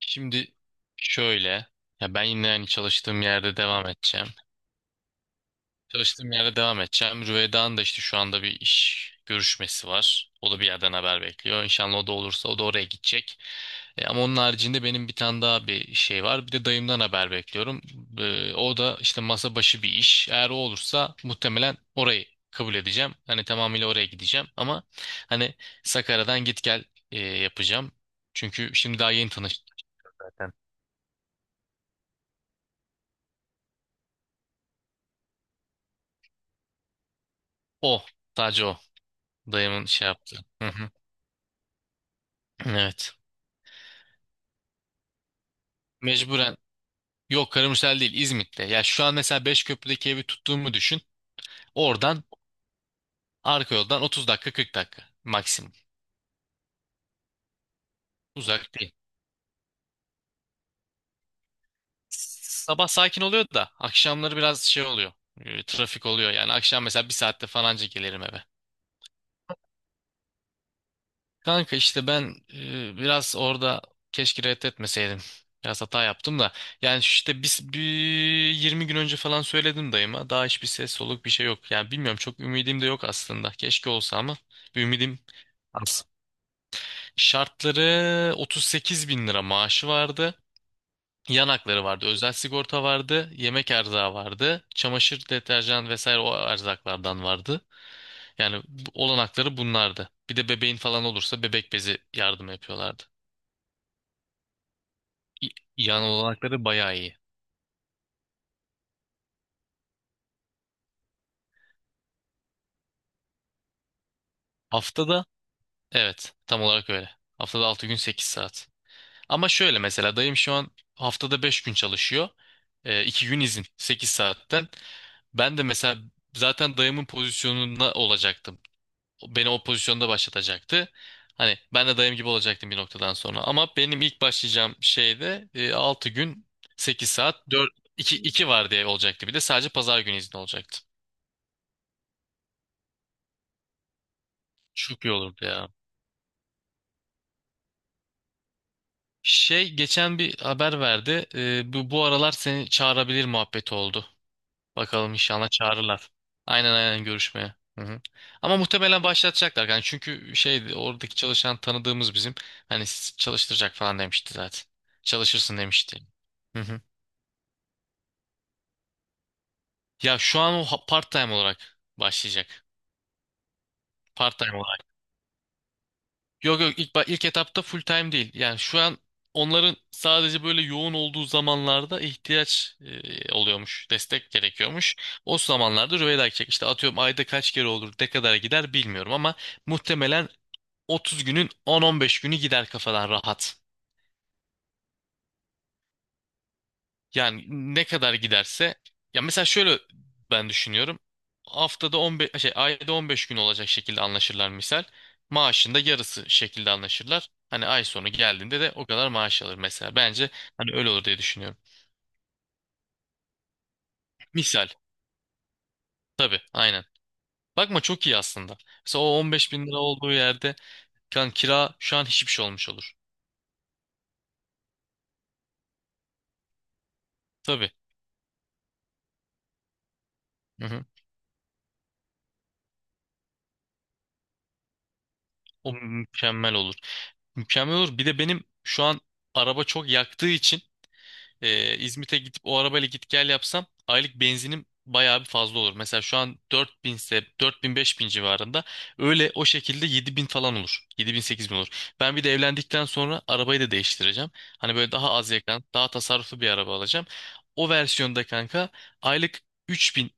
Şimdi şöyle, ya ben yine hani çalıştığım yerde devam edeceğim. Çalıştığım yerde devam edeceğim. Rüvedan da işte şu anda bir iş görüşmesi var. O da bir yerden haber bekliyor. İnşallah o da olursa o da oraya gidecek. Ama onun haricinde benim bir tane daha bir şey var. Bir de dayımdan haber bekliyorum. O da işte masa başı bir iş. Eğer o olursa muhtemelen orayı kabul edeceğim. Hani tamamıyla oraya gideceğim. Ama hani Sakarya'dan git gel yapacağım. Çünkü şimdi daha yeni tanıştık zaten. O. Sadece o. Dayımın şey yaptı. Hı hı. Evet. Mecburen. Yok, Karamisel değil, İzmit'te. Ya şu an mesela Beşköprü'deki evi tuttuğumu düşün. Oradan arka yoldan 30 dakika, 40 dakika maksimum. Uzak değil. Sabah sakin oluyor da akşamları biraz şey oluyor. Trafik oluyor yani. Akşam mesela bir saatte falanca gelirim eve. Kanka işte ben biraz orada keşke reddetmeseydim. Biraz hata yaptım da. Yani işte biz bir 20 gün önce falan söyledim dayıma. Daha hiçbir ses soluk bir şey yok. Yani bilmiyorum, çok ümidim de yok aslında. Keşke olsa ama bir ümidim az. Şartları 38 bin lira maaşı vardı. Yan hakları vardı. Özel sigorta vardı. Yemek erzağı vardı. Çamaşır, deterjan vesaire o erzaklardan vardı. Yani olanakları bunlardı. Bir de bebeğin falan olursa bebek bezi yardım yapıyorlardı. y- Yan olanakları bayağı iyi. Haftada evet, tam olarak öyle. Haftada 6 gün 8 saat. Ama şöyle mesela dayım şu an haftada 5 gün çalışıyor. 2 gün izin 8 saatten. Ben de mesela zaten dayımın pozisyonuna olacaktım. Beni o pozisyonda başlatacaktı. Hani ben de dayım gibi olacaktım bir noktadan sonra. Ama benim ilk başlayacağım şeyde 6 gün 8 saat 4, 2 2 var diye olacaktı, bir de sadece pazar günü izin olacaktı. Çok iyi olurdu ya. Şey geçen bir haber verdi. Bu aralar seni çağırabilir muhabbeti oldu. Bakalım inşallah çağırırlar. Aynen aynen, görüşmeye. Hı hı. Ama muhtemelen başlatacaklar. Yani çünkü şeydi, oradaki çalışan tanıdığımız bizim. Hani çalıştıracak falan demişti zaten. Çalışırsın demişti. Hı hı. Ya şu an o part time olarak başlayacak. Part time olarak. Yok yok, ilk etapta full time değil. Yani şu an onların sadece böyle yoğun olduğu zamanlarda ihtiyaç oluyormuş. Destek gerekiyormuş. O zamanlarda Rüveyda gidecek. İşte atıyorum ayda kaç kere olur, ne kadar gider bilmiyorum ama muhtemelen 30 günün 10-15 günü gider kafadan rahat. Yani ne kadar giderse, ya mesela şöyle ben düşünüyorum. Haftada 15 şey, ayda 15 gün olacak şekilde anlaşırlar misal. Maaşın da yarısı şekilde anlaşırlar. Hani ay sonu geldiğinde de o kadar maaş alır mesela. Bence hani öyle olur diye düşünüyorum. Misal, tabii aynen. Bakma, çok iyi aslında. Mesela o 15 bin lira olduğu yerde kan kira şu an hiçbir şey olmuş olur. Tabii. Hı hı. O mükemmel olur. Mükemmel olur. Bir de benim şu an araba çok yaktığı için İzmit'e gidip o arabayla git gel yapsam aylık benzinim bayağı bir fazla olur. Mesela şu an 4.000 ise 4.000 bin beş bin civarında, öyle o şekilde 7000 falan olur. 7.000 bin olur. Ben bir de evlendikten sonra arabayı da değiştireceğim. Hani böyle daha az yakan, daha tasarruflu bir araba alacağım. O versiyonda kanka aylık 3.000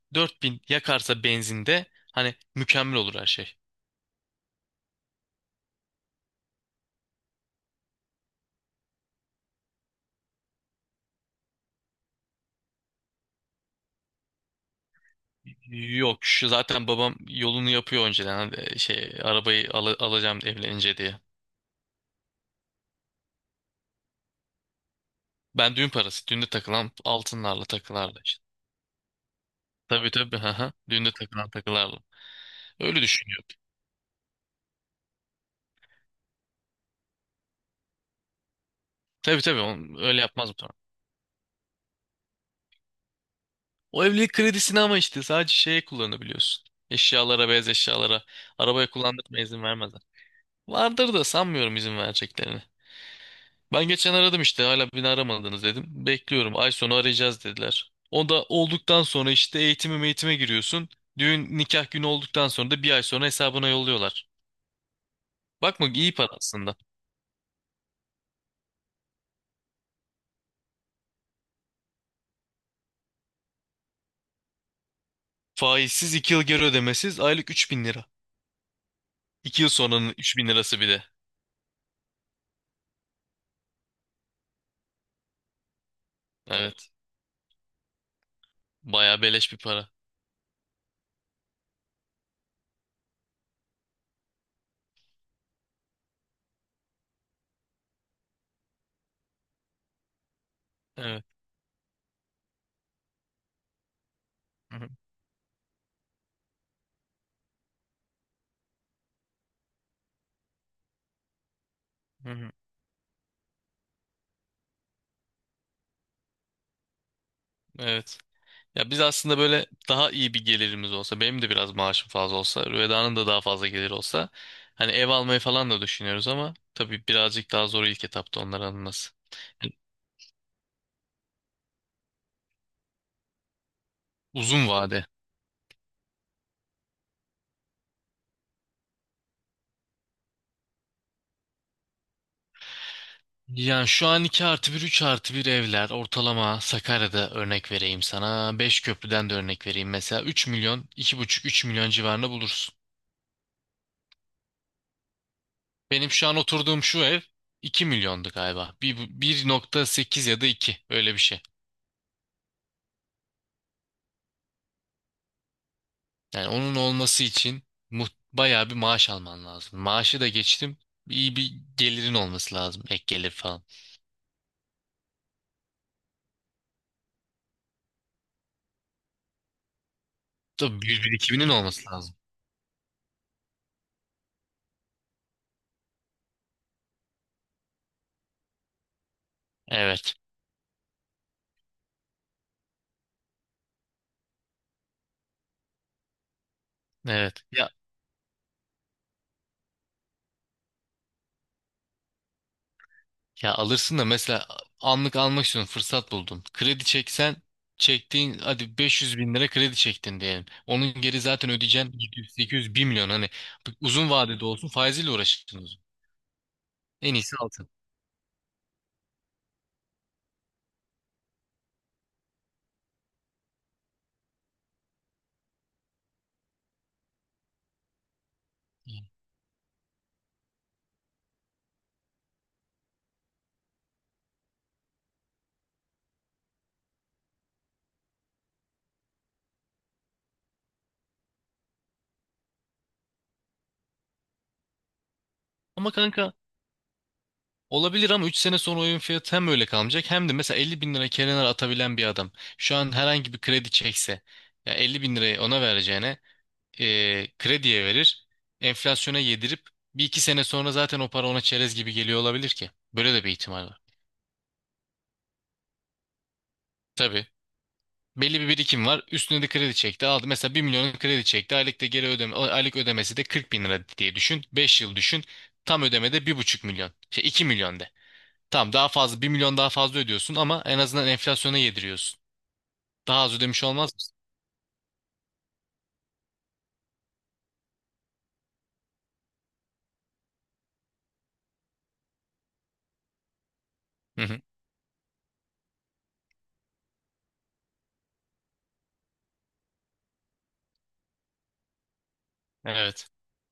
bin yakarsa benzinde hani mükemmel olur her şey. Yok, şu zaten babam yolunu yapıyor önceden hani şey arabayı alacağım evlenince diye. Ben düğün parası. Düğünde takılan altınlarla, takılarla işte. Tabii tabii, hı hı. Düğünde takılan takılarla. Öyle düşünüyordu. Tabii tabii. Onu öyle yapmaz mı? Tamam. O evlilik kredisini ama işte sadece şeye kullanabiliyorsun. Eşyalara, beyaz eşyalara. Arabaya kullandırma, izin vermezler. Vardır da sanmıyorum izin vereceklerini. Ben geçen aradım işte, hala beni aramadınız dedim. Bekliyorum, ay sonu arayacağız dediler. O da olduktan sonra işte eğitimi eğitime giriyorsun. Düğün nikah günü olduktan sonra da bir ay sonra hesabına yolluyorlar. Bakma, iyi para aslında. Faizsiz, 2 yıl geri ödemesiz, aylık 3 bin lira. 2 yıl sonranın 3 bin lirası bir de. Evet. Bayağı beleş bir para. Evet. Hı hı, hı hı. Evet. Ya biz aslında böyle daha iyi bir gelirimiz olsa, benim de biraz maaşım fazla olsa, Rüveda'nın da daha fazla gelir olsa, hani ev almayı falan da düşünüyoruz ama tabii birazcık daha zor ilk etapta onları alınması. Yani uzun vade. Yani şu an 2 artı bir, 3 artı bir evler ortalama Sakarya'da örnek vereyim sana. Beşköprü'den de örnek vereyim. Mesela 3 milyon, iki buçuk 3 milyon civarında bulursun. Benim şu an oturduğum şu ev 2 milyondu galiba. 1,8 ya da iki, öyle bir şey. Yani onun olması için mu- bayağı bir maaş alman lazım. Maaşı da geçtim. İyi bir gelirin olması lazım. Ek gelir falan. Tabii bir birikiminin olması lazım. Evet. Evet. Ya alırsın da, mesela anlık almak istiyorsun, fırsat buldun. Kredi çeksen çektiğin, hadi 500 bin lira kredi çektin diyelim. Onun geri zaten ödeyeceksin 700, 800, 1 milyon, hani uzun vadede olsun faiziyle uğraşırsınız. En iyisi altın. Ama kanka olabilir, ama üç sene sonra oyun fiyatı hem öyle kalmayacak hem de mesela 50 bin lira kenara atabilen bir adam şu an herhangi bir kredi çekse, ya 50 bin lirayı ona vereceğine krediye verir, enflasyona yedirip bir iki sene sonra zaten o para ona çerez gibi geliyor olabilir ki. Böyle de bir ihtimal var. Tabii. Belli bir birikim var. Üstüne de kredi çekti. Aldı. Mesela 1 milyon kredi çekti. Aylık da geri ödeme, aylık ödemesi de 40 bin lira diye düşün. Beş yıl düşün. Tam ödemede 1,5 milyon. Şey, 2 milyon de. Tamam, daha fazla 1 milyon daha fazla ödüyorsun ama en azından enflasyona yediriyorsun. Daha az ödemiş olmaz mısın? Hı hı. Evet.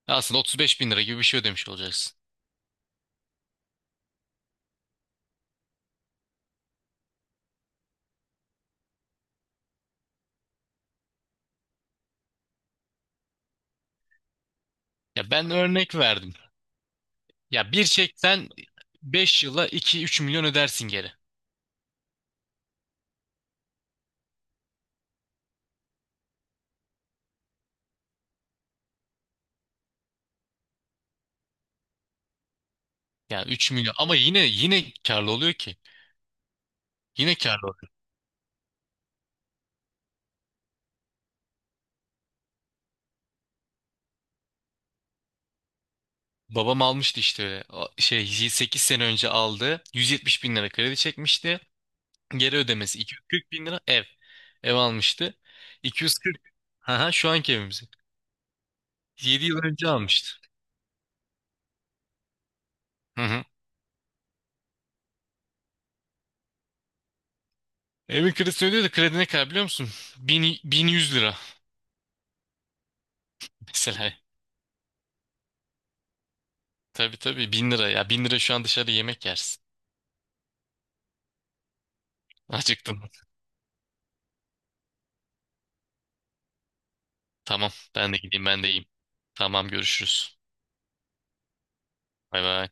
Aslında 35 bin lira gibi bir şey ödemiş olacaksın. Ya ben örnek verdim. Ya 1.80 beş yıla iki üç milyon ödersin geri. Yani 3 milyon ama yine yine karlı oluyor ki. Yine karlı oluyor. Babam almıştı işte öyle. O şey 8 sene önce aldı. 170 bin lira kredi çekmişti. Geri ödemesi 240 bin lira ev. Ev almıştı. 240. Haha, şu anki evimizi. 7 yıl önce almıştı. Hı hı. Evin kredisini ödüyor da kredi ne kadar biliyor musun? Bin 1.100 lira mesela. Tabii tabii, 1000 lira ya. Bin lira şu an dışarıda yemek yersin. Acıktın. Tamam, ben de gideyim, ben de iyiyim. Tamam, görüşürüz. Bay bay.